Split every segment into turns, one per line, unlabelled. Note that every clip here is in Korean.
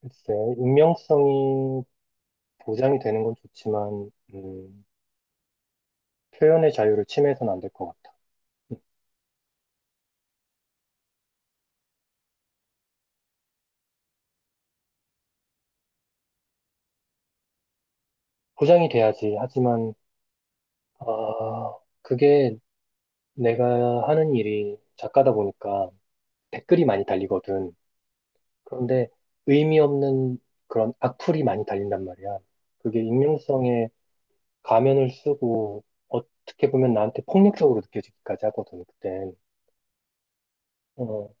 글쎄, 익명성이 보장이 되는 건 좋지만, 표현의 자유를 침해해서는 안 될 것 같아. 음, 보장이 돼야지. 하지만, 아, 그게 내가 하는 일이 작가다 보니까 댓글이 많이 달리거든. 그런데 의미 없는 그런 악플이 많이 달린단 말이야. 그게 익명성에 가면을 쓰고 어떻게 보면 나한테 폭력적으로 느껴지기까지 하거든, 그땐. 어,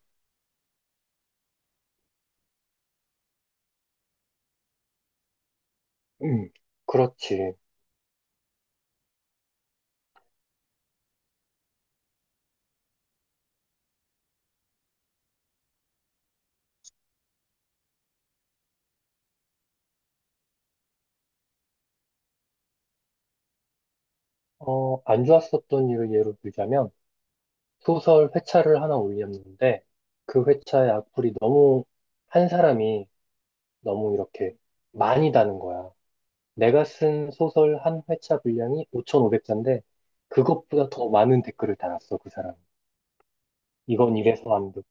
음, 그렇지. 어, 안 좋았었던 일을 예로 들자면, 소설 회차를 하나 올렸는데 그 회차의 악플이 너무 한 사람이 너무 이렇게 많이 다는 거야. 내가 쓴 소설 한 회차 분량이 5,500자인데 그것보다 더 많은 댓글을 달았어, 그 사람. 이건 이 이래서 안 돼.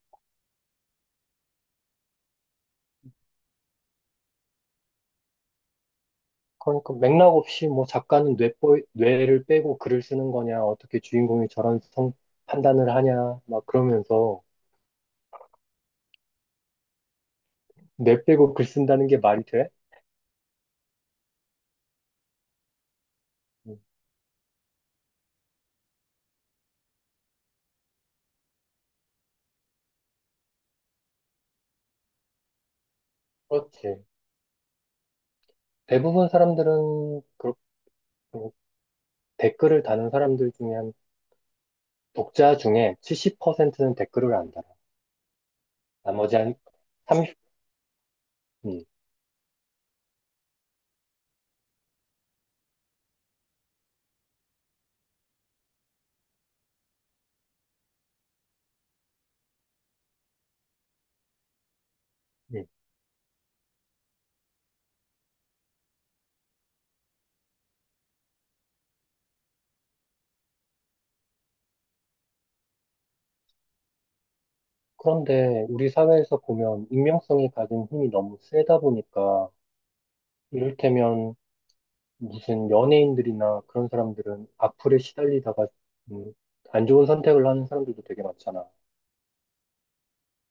그러니까 맥락 없이 뭐 작가는 뇌를 빼고 글을 쓰는 거냐, 어떻게 주인공이 저런 성 판단을 하냐, 막 그러면서 뇌 빼고 글 쓴다는 게 말이 돼? 음, 그렇지. 대부분 사람들은 그렇고 댓글을 다는 사람들 중에 한 독자 중에 70%는 댓글을 안 달아. 나머지 한 30, 음, 음. 그런데 우리 사회에서 보면 익명성이 가진 힘이 너무 세다 보니까 이를테면 무슨 연예인들이나 그런 사람들은 악플에 시달리다가 음, 안 좋은 선택을 하는 사람들도 되게 많잖아.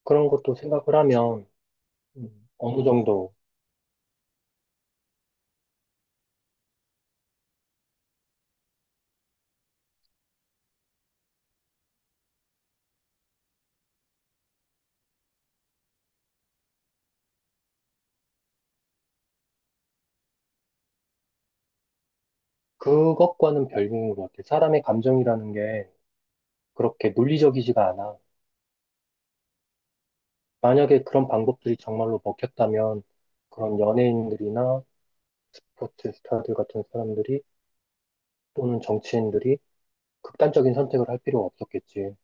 그런 것도 생각을 하면 어느 정도 그것과는 별개인 것 같아. 사람의 감정이라는 게 그렇게 논리적이지가 않아. 만약에 그런 방법들이 정말로 먹혔다면 그런 연예인들이나 스포츠 스타들 같은 사람들이 또는 정치인들이 극단적인 선택을 할 필요가 없었겠지.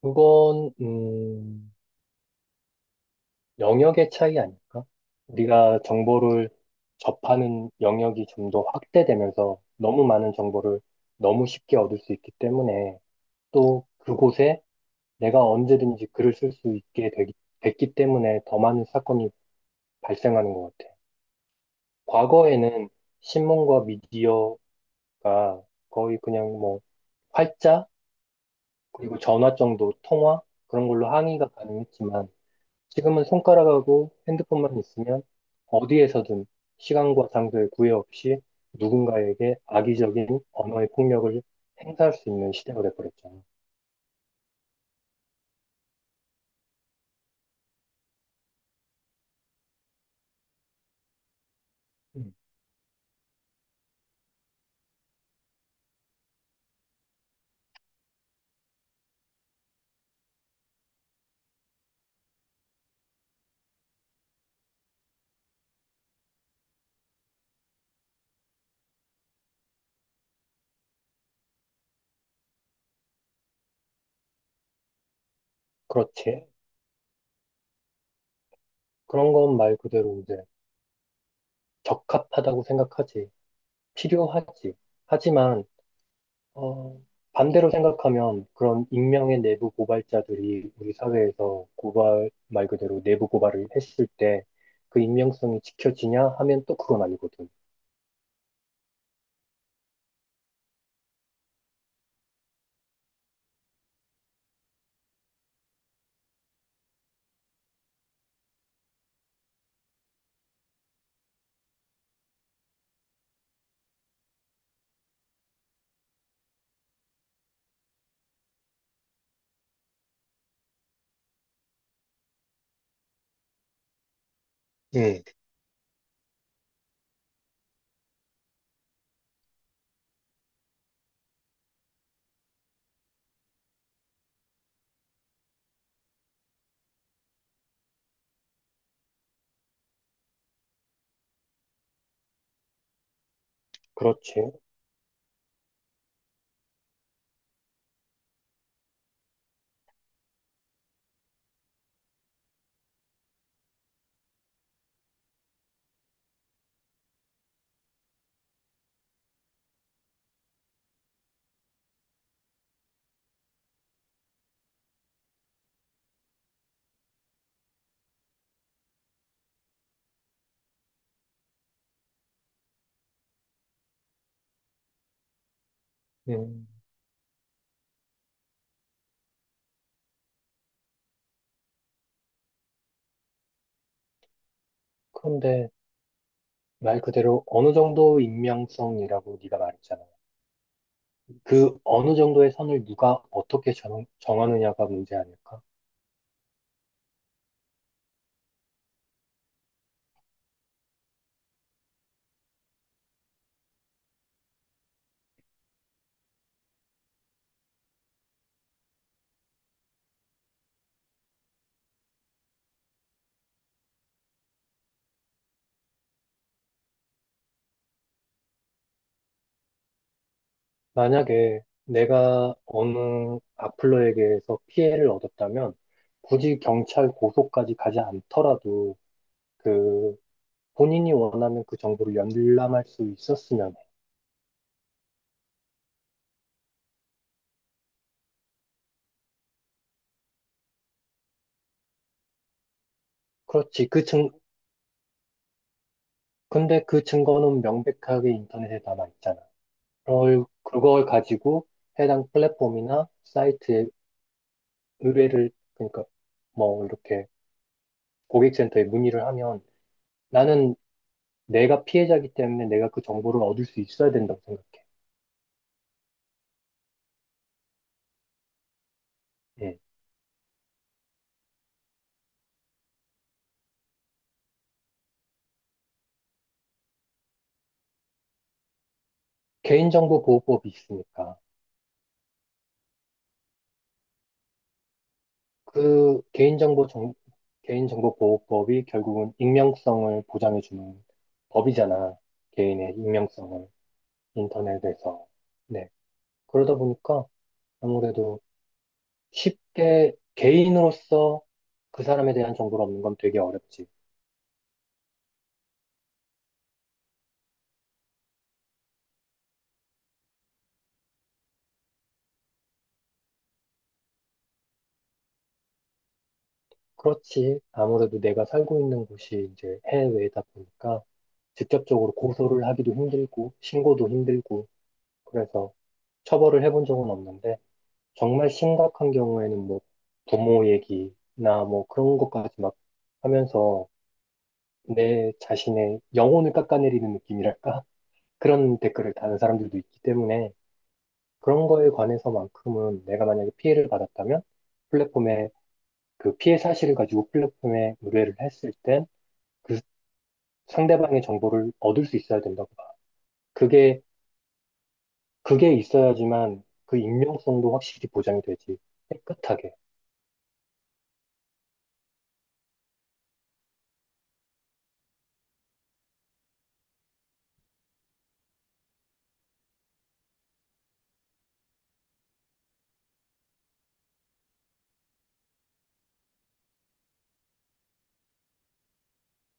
그건, 영역의 차이 아닐까? 우리가 정보를 접하는 영역이 좀 더 확대되면서 너무 많은 정보를 너무 쉽게 얻을 수 있기 때문에 또 그곳에 내가 언제든지 글을 쓸 수 있게 됐기 때문에 더 많은 사건이 발생하는 것 같아. 과거에는 신문과 미디어가 거의 그냥 뭐 활자, 그리고 전화 정도 통화 그런 걸로 항의가 가능했지만 지금은 손가락하고 핸드폰만 있으면 어디에서든 시간과 장소의 구애 없이 누군가에게 악의적인 언어의 폭력을 행사할 수 있는 시대가 돼버렸잖아. 음. 그렇지. 그런 건 말 그대로 이제 적합하다고 생각하지. 필요하지. 하지만 어, 반대로 생각하면 그런 익명의 내부 고발자들이 우리 사회에서 고발, 말 그대로 내부 고발을 했을 때 그 익명성이 지켜지냐 하면 또 그건 아니거든. 음, 그렇지. 음, 그런데 말 그대로 어느 정도 익명성이라고 네가 말했잖아. 그 어느 정도의 선을 누가 어떻게 정하느냐가 문제 아닐까? 만약에 내가 어느 악플러에게서 피해를 얻었다면 굳이 경찰 고소까지 가지 않더라도 그 본인이 원하는 그 정보를 열람할 수 있었으면 해. 그렇지. 근데 그 증거는 명백하게 인터넷에 남아있잖아. 그걸 가지고 해당 플랫폼이나 사이트에 의뢰를, 그러니까 뭐 이렇게 고객센터에 문의를 하면 나는 내가 피해자이기 때문에 내가 그 정보를 얻을 수 있어야 된다고 생각해. 예. 개인정보보호법이 있으니까 그 개인정보보호법이 결국은 익명성을 보장해주는 법이잖아. 개인의 익명성을 인터넷에서. 네. 그러다 보니까 아무래도 쉽게 개인으로서 그 사람에 대한 정보를 얻는 건 되게 어렵지. 그렇지. 아무래도 내가 살고 있는 곳이 이제 해외다 보니까 직접적으로 고소를 하기도 힘들고 신고도 힘들고 그래서 처벌을 해본 적은 없는데 정말 심각한 경우에는 뭐 부모 얘기나 뭐 그런 것까지 막 하면서 내 자신의 영혼을 깎아내리는 느낌이랄까? 그런 댓글을 다는 사람들도 있기 때문에 그런 거에 관해서만큼은 내가 만약에 피해를 받았다면 플랫폼에 그 피해 사실을 가지고 플랫폼에 의뢰를 했을 땐 그 상대방의 정보를 얻을 수 있어야 된다고 봐. 그게, 그게 있어야지만 그 익명성도 확실히 보장이 되지. 깨끗하게.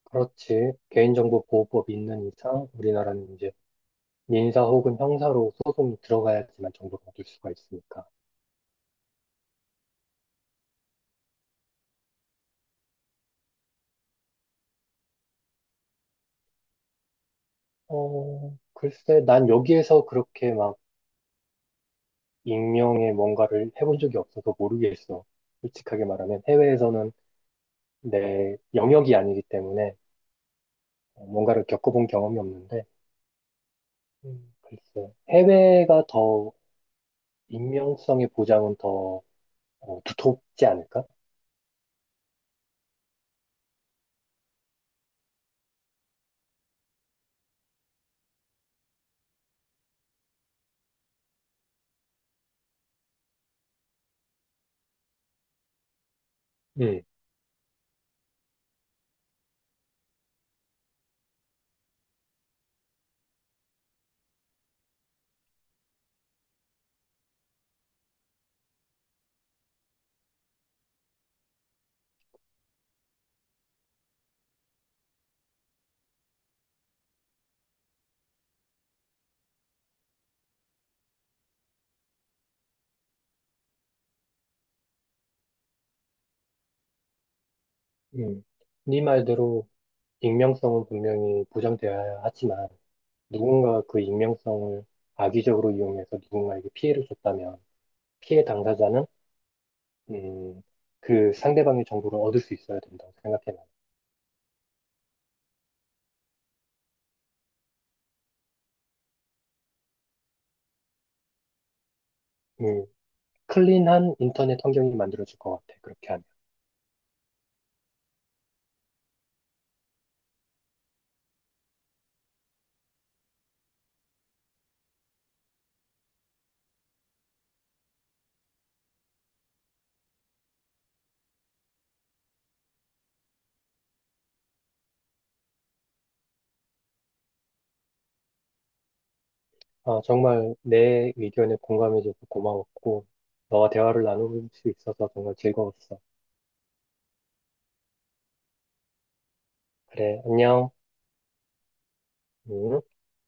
그렇지. 개인정보 보호법이 있는 이상 우리나라는 이제 민사 혹은 형사로 소송이 들어가야지만 정보를 얻을 수가 있으니까. 글쎄, 난 여기에서 그렇게 막 익명의 뭔가를 해본 적이 없어서 모르겠어. 솔직하게 말하면 해외에서는 내 영역이 아니기 때문에 뭔가를 겪어본 경험이 없는데, 글쎄, 해외가 더 익명성의 보장은 더 두텁지 않을까? 음, 음. 네 말대로 익명성은 분명히 보장되어야 하지만 누군가 그 익명성을 악의적으로 이용해서 누군가에게 피해를 줬다면 피해 당사자는 음, 그 상대방의 정보를 얻을 수 있어야 된다고 생각해 나요. 음, 클린한 인터넷 환경이 만들어질 것 같아. 그렇게 하면. 아, 정말 내 의견에 공감해줘서 고마웠고 너와 대화를 나눌 수 있어서 정말 즐거웠어. 그래, 안녕. 음.